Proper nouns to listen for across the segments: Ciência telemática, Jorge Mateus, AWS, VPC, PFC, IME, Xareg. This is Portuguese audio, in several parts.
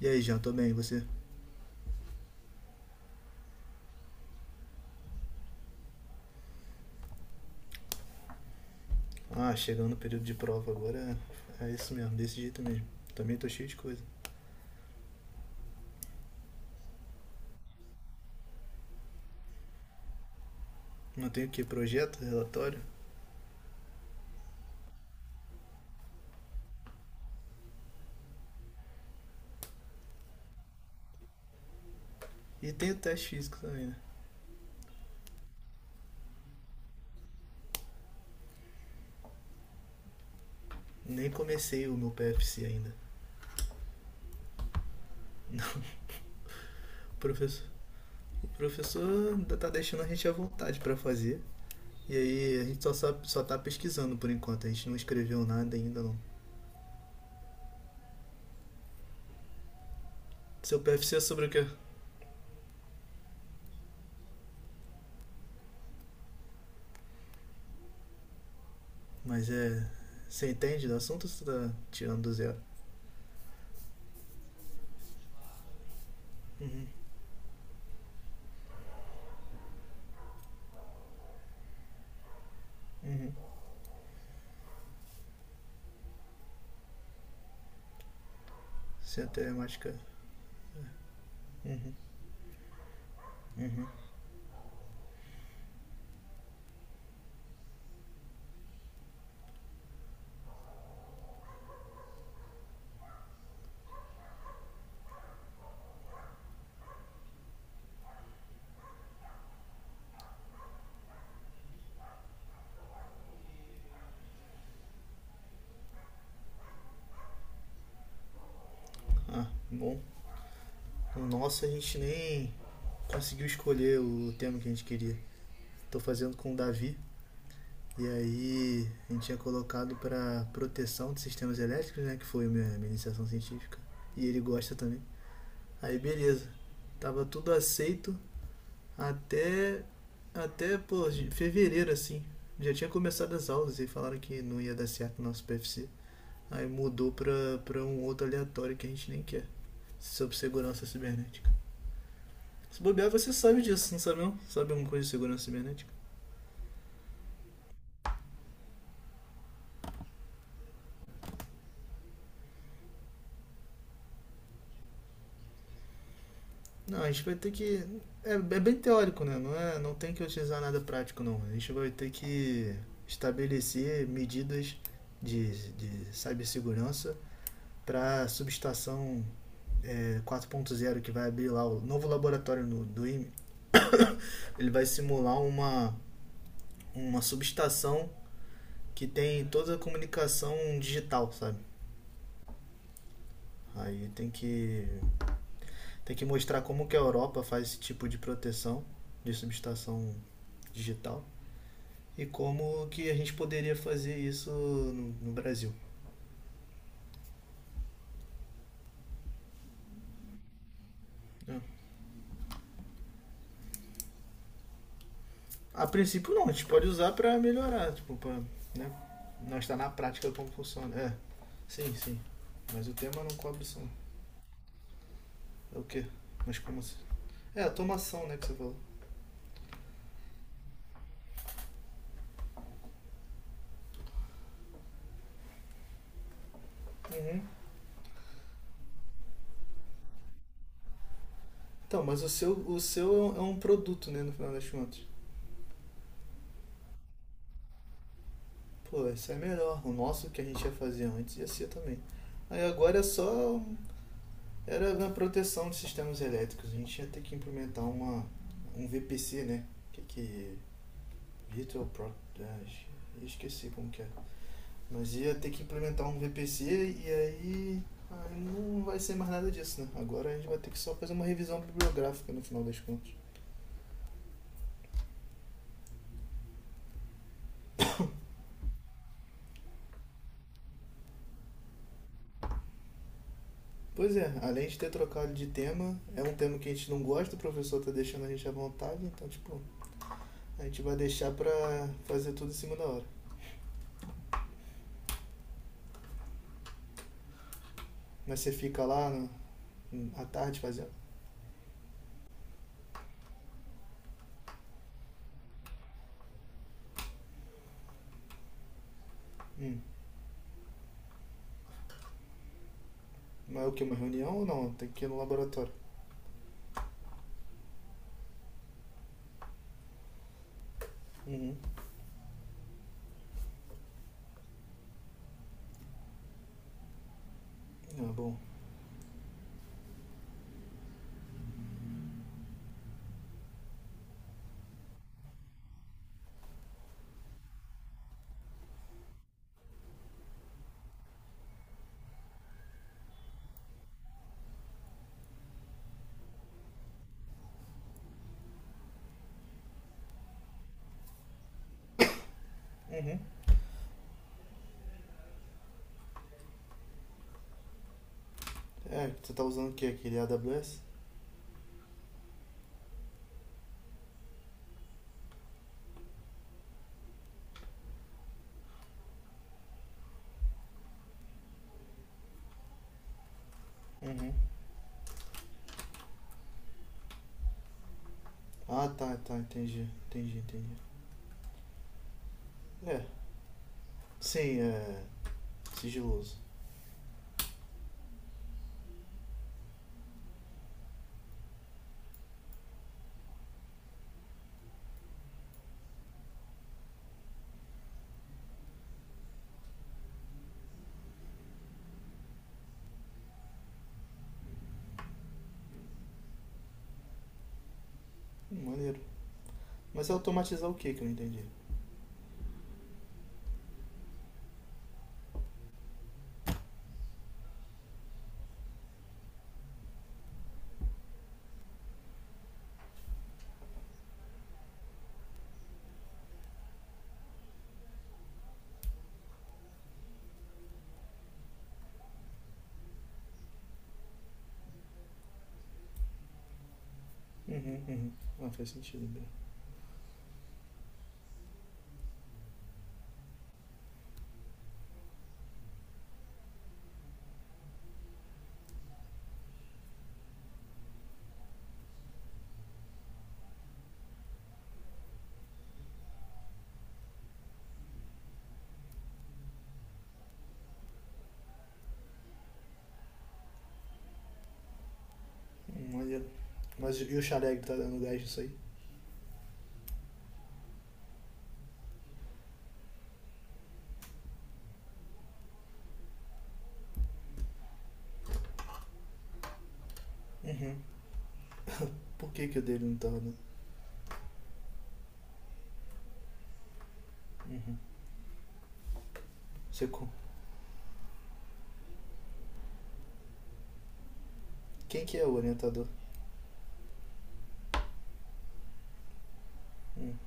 E aí, Jean, tô bem, e você? Ah, chegando no período de prova agora, é isso mesmo, desse jeito mesmo. Também tô cheio de coisa. Não tenho o que? Projeto, relatório? E tenho teste físico também, né? Nem comecei o meu PFC ainda. Não, o professor, o professor ainda tá deixando a gente à vontade pra fazer. E aí a gente só, sabe, só tá pesquisando por enquanto, a gente não escreveu nada ainda não. Seu PFC é sobre o quê? Mas é. Você entende do assunto ou você tá tirando do zero? Uhum, uhum. Ciência telemática. Uhum, uhum. Ah, bom. Nossa, a gente nem conseguiu escolher o tema que a gente queria. Tô fazendo com o Davi. E aí a gente tinha colocado para proteção de sistemas elétricos, né? Que foi a minha iniciação científica. E ele gosta também. Aí beleza. Tava tudo aceito até. Até, pô, fevereiro assim. Já tinha começado as aulas e falaram que não ia dar certo o nosso PFC. Aí mudou pra um outro aleatório que a gente nem quer. Sobre segurança cibernética. Se bobear, você sabe disso, não sabe não? Sabe alguma coisa de segurança cibernética? Não, a gente vai ter que. É, é bem teórico, né? Não, é, não tem que utilizar nada prático, não. A gente vai ter que estabelecer medidas de cibersegurança para a subestação é, 4.0 que vai abrir lá o novo laboratório no, do IME. Ele vai simular uma subestação que tem toda a comunicação digital, sabe? Aí tem que tem que mostrar como que a Europa faz esse tipo de proteção de subestação digital e como que a gente poderia fazer isso no, no Brasil. Né? A princípio não, a gente pode usar para melhorar, tipo, pra, né? Não está na prática como funciona. É, sim, sim. Mas o tema não cobre som. É o quê? Mas como assim? É, a tomação, né, que você falou. Uhum. Então, mas o seu é é um produto, né, no final das contas. Pô, esse é melhor. O nosso que a gente ia fazer antes ia ser também. Aí agora é só. Era na proteção de sistemas elétricos. A gente ia ter que implementar um VPC, né? Que que. Virtual Pro. ah, eu esqueci como que é. Mas ia ter que implementar um VPC e aí. Aí não vai ser mais nada disso, né? Agora a gente vai ter que só fazer uma revisão bibliográfica no final das contas. Pois é, além de ter trocado de tema, é um tema que a gente não gosta, o professor tá deixando a gente à vontade, então, tipo, a gente vai deixar pra fazer tudo em cima da hora. Mas você fica lá à tarde fazendo? Hum. Mas é o que? Uma reunião ou não? Tem que ir no laboratório. Uhum. Ah, bom. Uhum. É, você tá usando o que? Aquele AWS? Uhum. Ah, tá, tá. Entendi, entendi, entendi. É. Sim, é. Sigiloso. Maneiro. Mas é automatizar o que que eu não entendi? Uhum, uhum. Ah, faz sentido, bem. Maneiro. Mas e o Xareg tá dando gás nisso aí? Uhum. Por que que o dele não tá dando? Uhum. Você, co- Quem que é o orientador? Hum.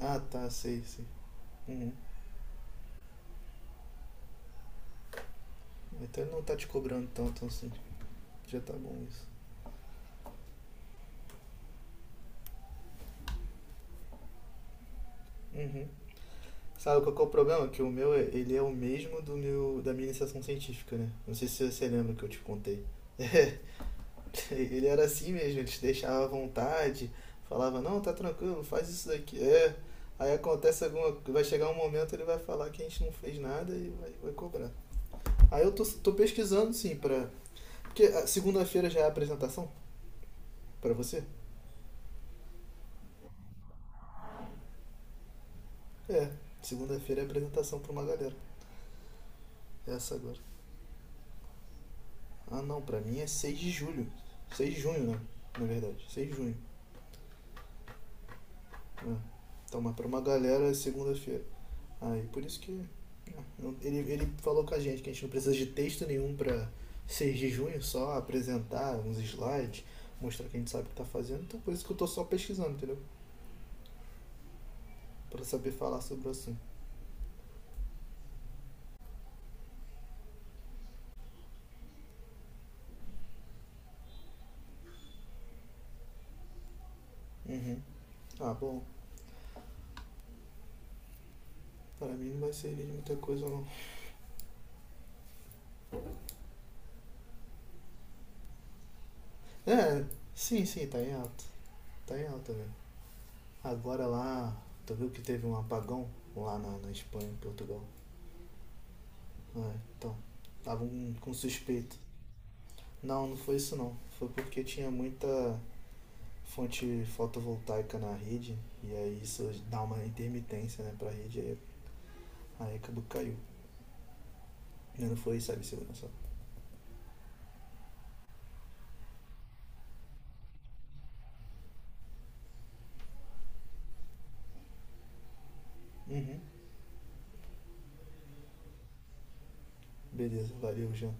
Ah, tá, sei, sei. Uhum. Então ele não tá te cobrando tanto assim. Já tá bom isso. Uhum. Sabe qual que é o problema? Que o meu, ele é o mesmo do meu, da minha iniciação científica, né? Não sei se você lembra que eu te contei. É, ele era assim mesmo, ele te deixava à vontade, falava, não, tá tranquilo, faz isso daqui. É, aí acontece alguma vai chegar um momento, ele vai falar que a gente não fez nada e vai, vai cobrar. Aí eu tô pesquisando, sim, pra... Porque a segunda-feira já é a apresentação pra você? É, segunda-feira é apresentação pra uma galera. É essa agora. Ah não, pra mim é 6 de julho. Seis de junho, né? Na verdade, 6 de junho. É. Então, mas pra uma galera é segunda-feira. Aí por isso que. Ele falou com a gente que a gente não precisa de texto nenhum pra 6 de junho, só apresentar uns slides, mostrar que a gente sabe o que tá fazendo. Então por isso que eu tô só pesquisando, entendeu? Pra saber falar sobre o assunto. Uhum. Ah, bom. Pra mim não vai servir de muita coisa não. É, sim, sim, tá em alta. Tá em alta, velho. Agora lá, tu viu que teve um apagão lá na Espanha, em Portugal? É, então, estavam com suspeito. Não, não foi isso não. Foi porque tinha muita fonte fotovoltaica na rede e aí isso dá uma intermitência, né, pra rede, aí, aí acabou que caiu. Não foi isso, sabe, segurança. Uhum. Beleza, valeu, Jean.